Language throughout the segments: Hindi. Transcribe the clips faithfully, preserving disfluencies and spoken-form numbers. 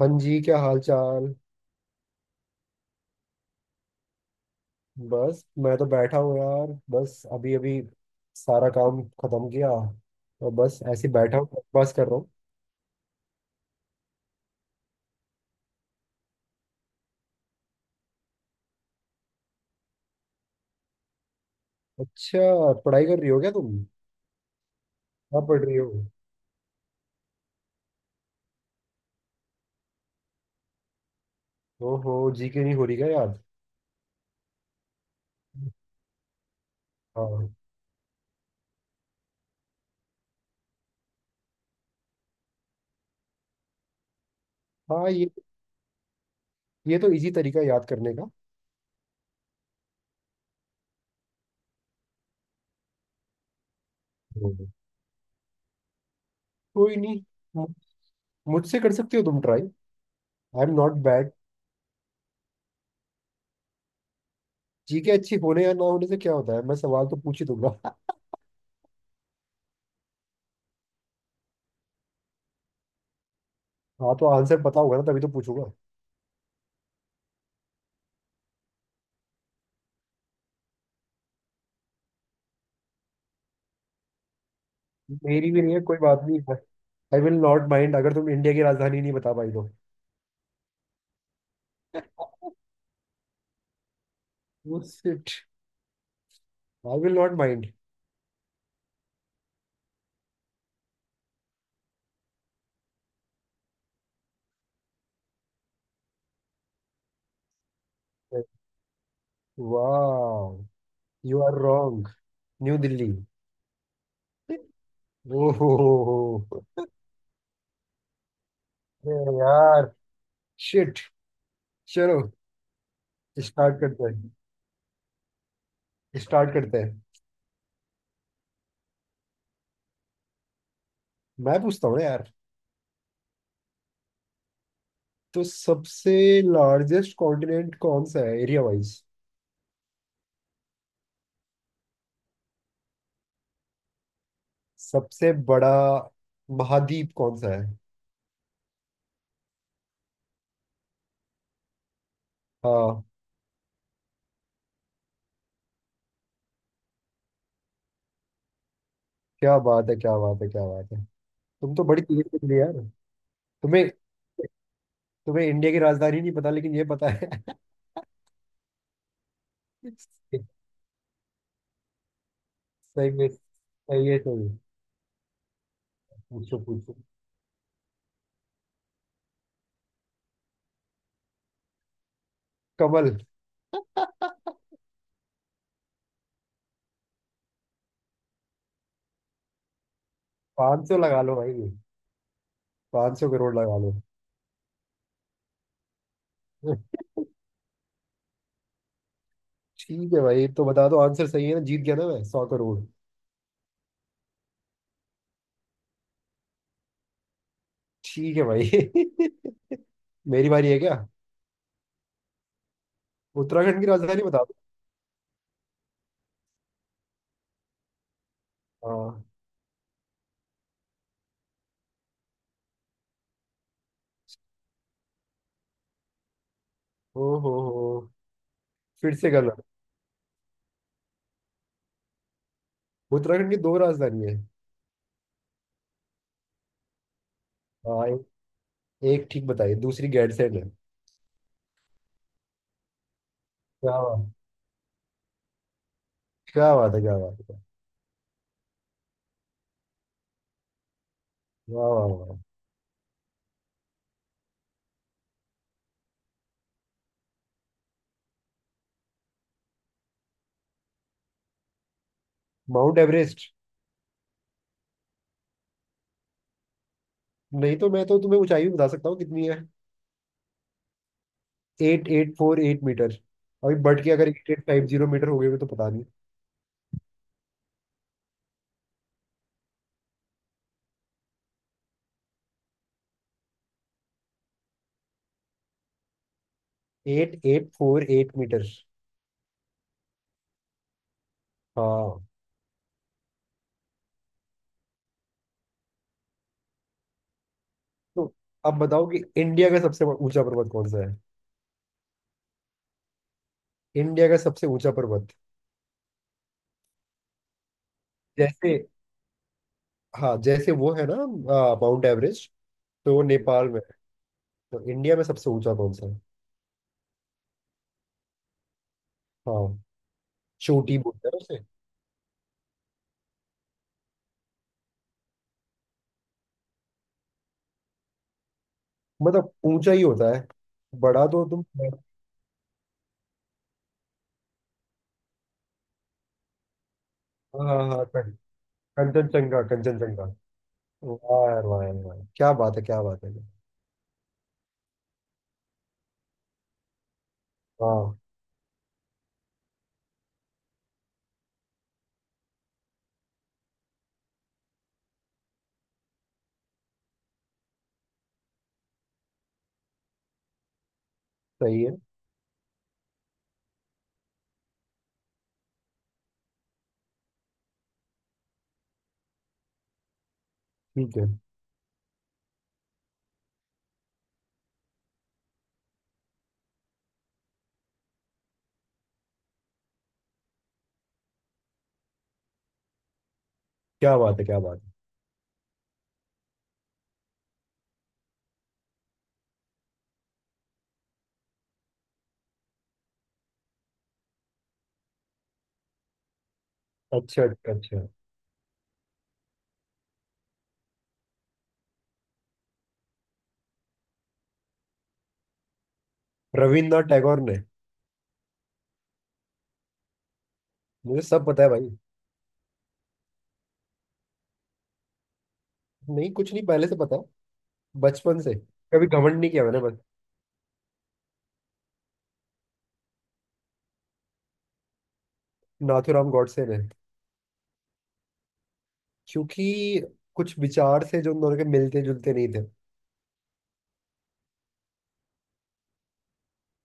हाँ जी, क्या हाल चाल? बस मैं तो बैठा हूँ यार। बस अभी अभी सारा काम खत्म किया और बस ऐसे ही बैठा हूँ, बस कर रहा हूँ। अच्छा, पढ़ाई कर रही हो क्या तुम? क्या पढ़ रही हो? ओहो, जी के नहीं हो रही क्या याद? हाँ, हाँ ये ये तो इजी तरीका है याद करने का। हम्म। कोई नहीं। मु- मुझसे कर सकते हो तुम try. I am not bad. G K अच्छी होने या ना होने से क्या होता है, मैं सवाल तो पूछ ही दूंगा। हाँ, तो आंसर पता होगा ना तभी तो पूछूंगा। मेरी भी नहीं है, कोई बात नहीं। आई विल नॉट माइंड अगर तुम इंडिया की राजधानी नहीं बता पाई तो। Shit. I will not mind. वाह। You are wrong. New Delhi. ओहो। अरे यार। शिट। चलो, स्टार्ट करते हैं। स्टार्ट करते हैं। मैं पूछता हूँ ना यार। तो सबसे लार्जेस्ट कॉन्टिनेंट कौन सा है एरिया वाइज? सबसे बड़ा महाद्वीप कौन सा है? हाँ। क्या बात है, क्या बात है, क्या बात है। तुम तो बड़ी तेज निकली यार। तुम्हें तुम्हें इंडिया की राजधानी नहीं पता लेकिन ये पता है। सही में सही है, सही है। पूछो, पूछो। कमल। पाँच सौ लगा लो भाई। पाँच सौ करोड़ लगा लो। ठीक है भाई, तो बता दो, आंसर सही है ना? जीत गया ना मैं? सौ करोड़। ठीक है भाई। मेरी बारी है क्या? उत्तराखंड की राजधानी बता दो। हाँ। ओ हो हो। फिर से गलत। उत्तराखंड की दो राजधानी है। हाँ, एक, एक ठीक बताइए, दूसरी गैरसैंण है। क्या बात, क्या बात है, क्या बात है। वाह वाह वाह। Mount Everest. नहीं तो, मैं तो तुम्हें ऊंचाई भी बता सकता हूँ कितनी है। Eight eight four eight meter. अभी बढ़ के अगर eight eight five zero meter हो गए हुए तो पता नहीं। Eight eight four eight meter. हाँ। तो अब बताओ कि इंडिया का सबसे ऊंचा पर्वत कौन सा है। इंडिया का सबसे ऊंचा पर्वत। जैसे, हाँ जैसे वो है ना, आ, माउंट एवरेस्ट, तो वो नेपाल में है, तो इंडिया में सबसे ऊंचा कौन सा है? हाँ। चोटी बोलते हैं उसे। मतलब ऊंचा ही होता है बड़ा तो। तुम हाँ। हाँ, हाँ कं- कंचनजंगा। कंचनजंगा। वाह यार, वाह यार, वाह, क्या बात है, क्या बात है। हाँ। सही है। ठीक है। क्या बात है, क्या बात है। अच्छा, अच्छा। रविन्द्रनाथ टैगोर ने। मुझे सब पता है भाई। नहीं कुछ नहीं, पहले से पता है। बचपन से। कभी घमंड नहीं किया मैंने बस। नाथूराम गॉडसे ने। क्योंकि कुछ विचार से जो उन दोनों के मिलते जुलते नहीं थे।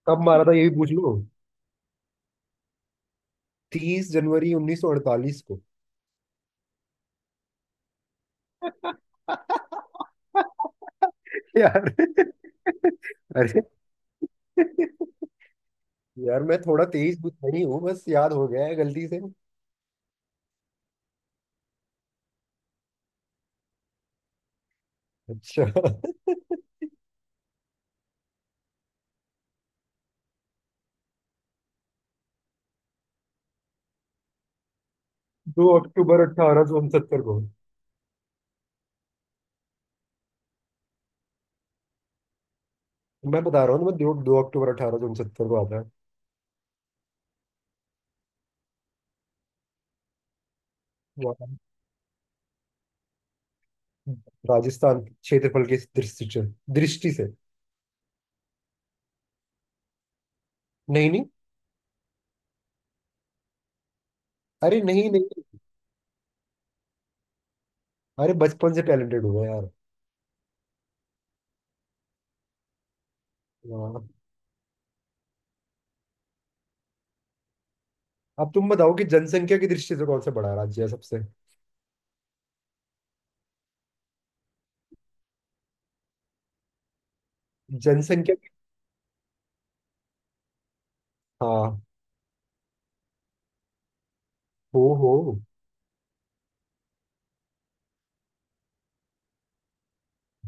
कब मारा था, ये भी पूछ लो। तीस जनवरी उन्नीस सौ अड़तालीस को। यार। अरे यार, मैं थोड़ा तेज बुद्ध नहीं हूँ, बस याद हो गया है गलती से। अच्छा। दो अक्टूबर अठारह सौ उनसत्तर को। मैं बता रहा हूँ ना, मैं दो, दो अक्टूबर अठारह सौ उनसत्तर को आता है। वाह। राजस्थान, क्षेत्रफल के दृष्टि से दृष्टि से। नहीं नहीं। अरे नहीं नहीं। अरे बचपन से टैलेंटेड हुआ यार। वाह। अब तुम बताओ कि जनसंख्या की दृष्टि से कौन सा बड़ा राज्य है सबसे? जनसंख्या की- हाँ। हो हो।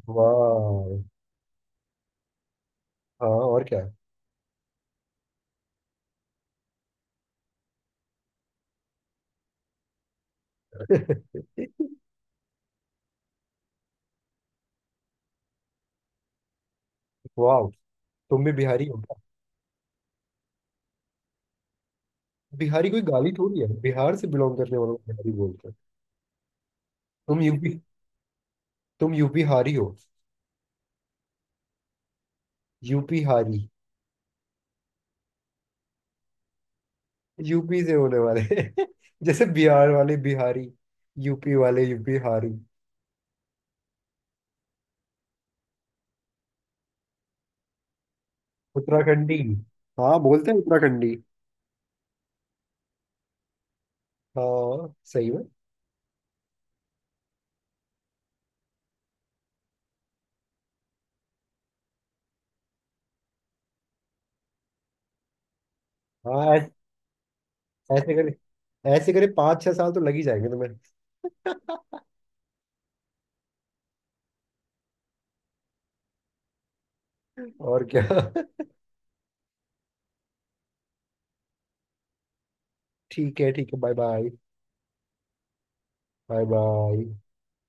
वाह। हाँ, और क्या। वाह। तुम भी बिहारी हो। बिहारी कोई गाली थोड़ी है, बिहार से बिलोंग करने वालों को बिहारी बोलते हैं। तुम यूपी, तुम यूपी हारी हो। यूपी हारी। यूपी से होने वाले। जैसे बिहार वाले बिहारी, यूपी वाले यूपी हारी। उत्तराखंडी। हाँ बोलते हैं उत्तराखंडी। हाँ सही में। हाँ ऐ- ऐसे करे ऐसे करे पाँच छह साल तो लग ही जाएंगे तुम्हें। और क्या। ठीक है, ठीक है, बाय बाय। Bye bye.